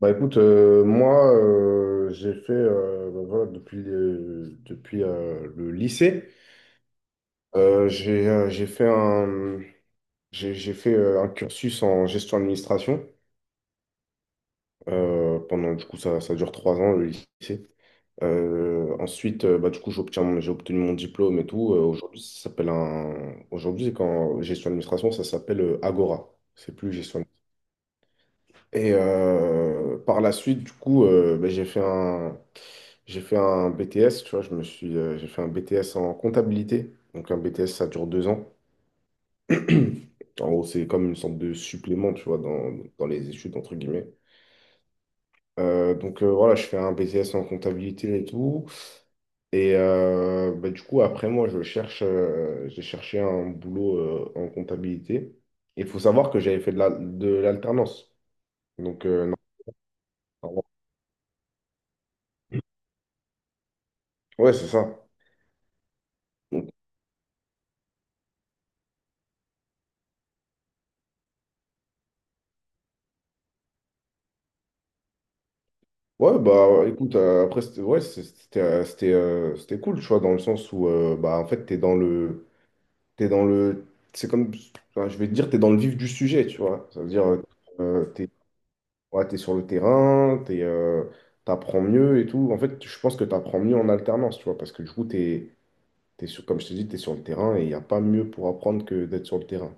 Bah écoute, moi j'ai fait bah, voilà, depuis, depuis le lycée, euh, j'ai euh, j'ai fait un, j'ai fait un cursus en gestion administration. Pendant du coup, ça dure 3 ans le lycée. Ensuite, bah, du coup, j'ai obtenu mon diplôme et tout. Aujourd'hui, ça s'appelle un. Aujourd'hui, quand gestion administration, ça s'appelle Agora. C'est plus gestion. Et par la suite, du coup, ben, j'ai fait un BTS, tu vois, j'ai fait un BTS en comptabilité. Donc un BTS, ça dure 2 ans. En gros, c'est comme une sorte de supplément, tu vois, dans les études, entre guillemets. Donc, voilà, je fais un BTS en comptabilité et tout. Et bah, du coup, après moi, j'ai cherché un boulot en comptabilité. Il faut savoir que j'avais fait de l'alternance. Donc, non. Ouais, c'est ça. Donc, Ouais, bah écoute, après, c'était ouais, c'était cool, tu vois, dans le sens où, bah en fait, t'es dans le. T'es dans le. C'est comme. Enfin, je vais te dire, t'es dans le vif du sujet, tu vois. Ça veut dire, t'es ouais, t'es sur le terrain, t'apprends mieux et tout. En fait, je pense que t'apprends mieux en alternance, tu vois, parce que du coup, comme je te dis, t'es sur le terrain et il n'y a pas mieux pour apprendre que d'être sur le terrain.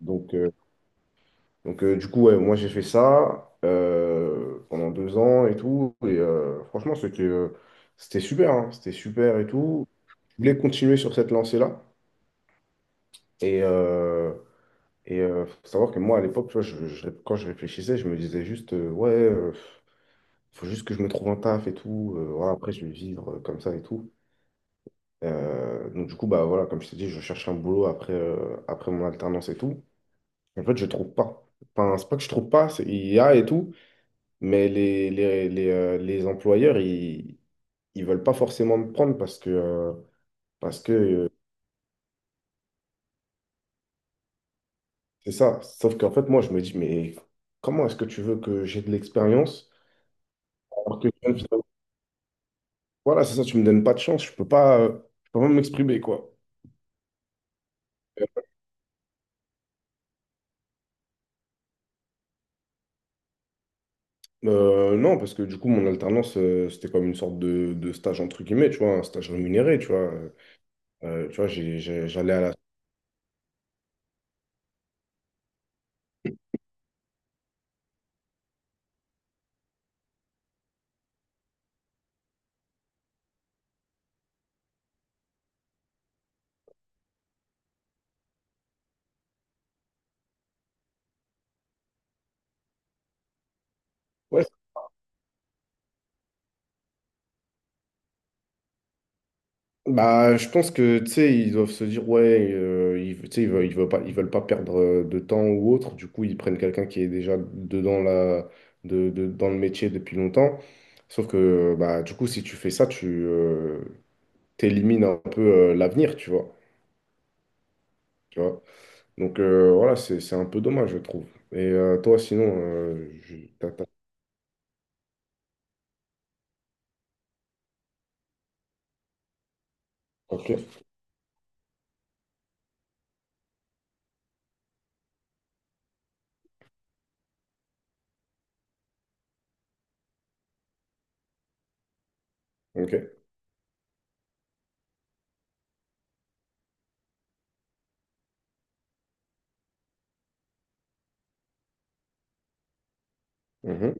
Donc. euh, du coup, ouais, moi, j'ai fait ça pendant 2 ans et tout. Et franchement, c'était super, hein, c'était super et tout. Je voulais continuer sur cette lancée-là. Et, euh, Faut savoir que moi, à l'époque, tu vois, quand je réfléchissais, je me disais juste, ouais, faut juste que je me trouve un taf et tout. Voilà, après, je vais vivre comme ça et tout. Donc, du coup, bah voilà, comme je t'ai dit, je cherche un boulot après mon alternance et tout. En fait, je trouve pas. Enfin, c'est pas que je trouve pas, il y a et tout. Mais les employeurs, ils ne veulent pas forcément me prendre parce que, parce que euh, c'est ça. Sauf qu'en fait, moi, je me dis, mais comment est-ce que tu veux que j'ai de l'expérience alors que je viens de. Voilà, c'est ça, tu me donnes pas de chance, je peux pas m'exprimer, quoi. Non, parce que du coup, mon alternance, c'était comme une sorte de stage, entre guillemets, tu vois, un stage rémunéré, tu vois. Tu vois, j'allais à la... Ouais. Bah, je pense que, tu sais, ils doivent se dire, ouais, ils, tu sais, ils veulent pas perdre de temps ou autre. Du coup, ils prennent quelqu'un qui est déjà dedans la, de- dans le métier depuis longtemps. Sauf que, bah, du coup, si tu fais ça, tu t'élimines un peu l'avenir, tu vois. Donc, voilà, c'est un peu dommage, je trouve. Et toi, sinon, ok, ok, mhm,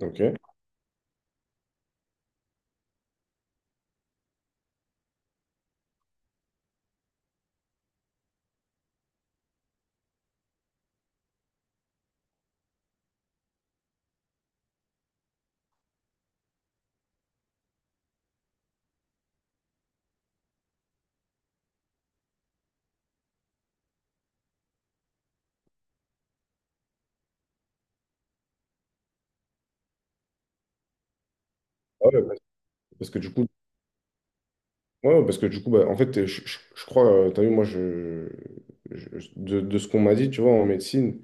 ok. Ah ouais, parce que du coup, ouais, ouais, parce que du coup, bah, en fait, je crois, tu as vu, moi, de ce qu'on m'a dit, tu vois, en médecine,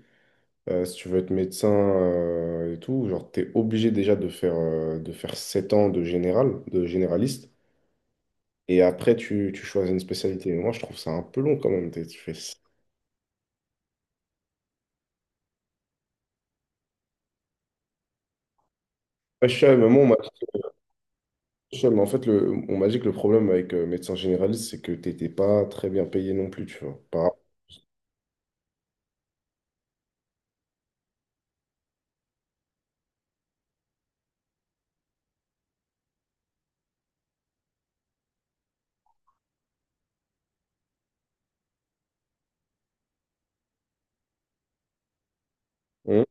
si tu veux être médecin, et tout, genre, t'es obligé déjà de faire, 7 ans de général, de généraliste, et après, tu choisis une spécialité. Mais moi, je trouve ça un peu long quand même. Tu fais... ça. Ouais, je sais, mais moi, on m'a je sais, mais en fait, on m'a dit que le problème avec médecin généraliste, c'est que t'étais pas très bien payé non plus, tu vois. Par... Hum.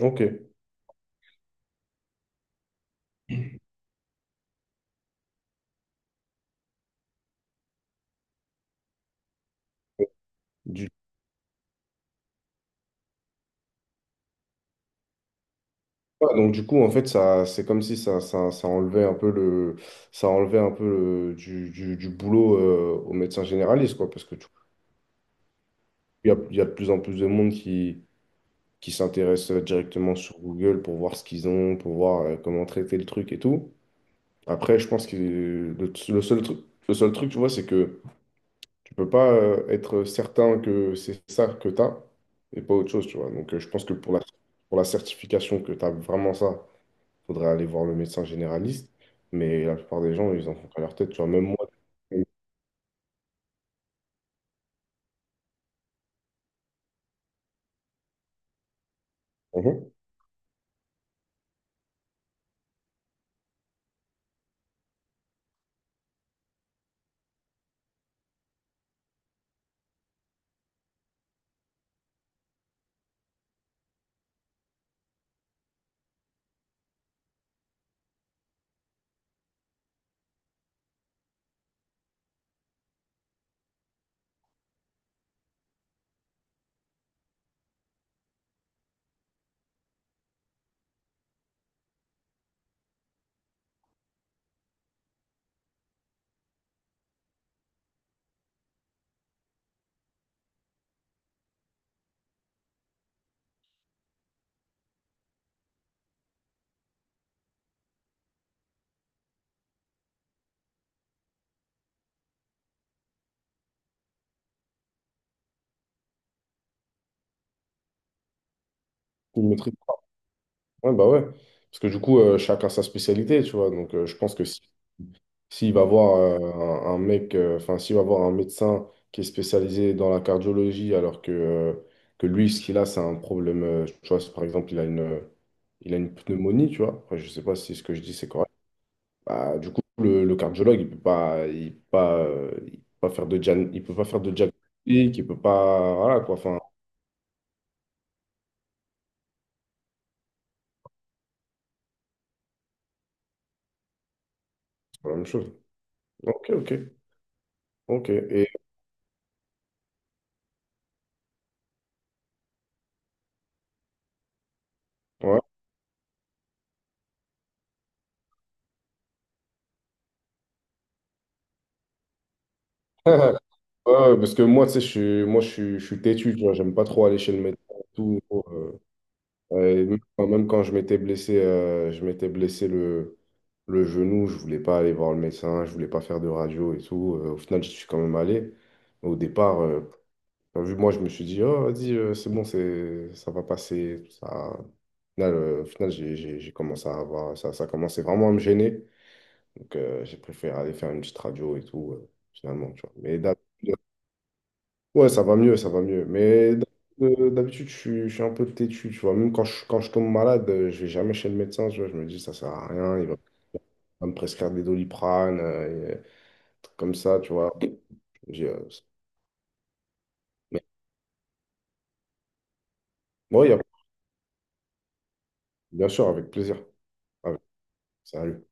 Ok. Du- Ouais, donc du coup en fait ça, c'est comme si ça enlevait un peu le, ça enlevait un peu du boulot aux médecins généralistes quoi, parce que tu- il y a de plus en plus de monde qui s'intéresse directement sur Google pour voir ce qu'ils ont, pour voir comment traiter le truc et tout. Après, je pense que le seul truc, tu vois, c'est que tu peux pas être certain que c'est ça que tu as et pas autre chose, tu vois. Donc je pense que pour la certification que tu as vraiment ça, faudrait aller voir le médecin généraliste. Mais la plupart des gens, ils en font qu'à leur tête. Tu vois, même moi. Mhm. Ils maîtrisent. Ouais, bah ouais. Parce que du coup, chacun sa spécialité, tu vois. Donc, je pense que si, s'il va voir un mec, enfin, s'il va voir un médecin qui est spécialisé dans la cardiologie, alors que lui, ce qu'il a, c'est un problème, tu vois, si par exemple, il a une pneumonie, tu vois. Après, je sais pas si ce que je dis, c'est correct. Bah, du coup, le cardiologue, il peut pas faire de diagnostic, il peut pas, voilà quoi. Enfin, c'est pas la même chose. Ok, ok, ok. Et ouais. Ouais, ouais, parce que moi, tu sais, je suis têtu, tu vois. J'aime pas trop aller chez le médecin et tout. euh, et même quand je m'étais blessé le genou, je voulais pas aller voir le médecin, je voulais pas faire de radio et tout. Au final, je suis quand même allé. Au départ. Enfin, vu que moi, je me suis dit, oh, vas-y, c'est bon, ça va passer. Ça... Au final, j'ai commencé à avoir, ça commençait vraiment à me gêner. Donc, j'ai préféré aller faire une petite radio et tout, finalement, tu vois. Mais d'habitude, ouais, ça va mieux, ça va mieux. Mais d'habitude, je suis un peu têtu, tu vois. Même quand je tombe malade, je vais jamais chez le médecin, tu vois. Je me dis, ça sert à rien, il va pas me prescrire des Doliprane, et, trucs comme ça, tu vois. Je me dis, mais, bon, bien sûr, avec plaisir. Avec- Salut.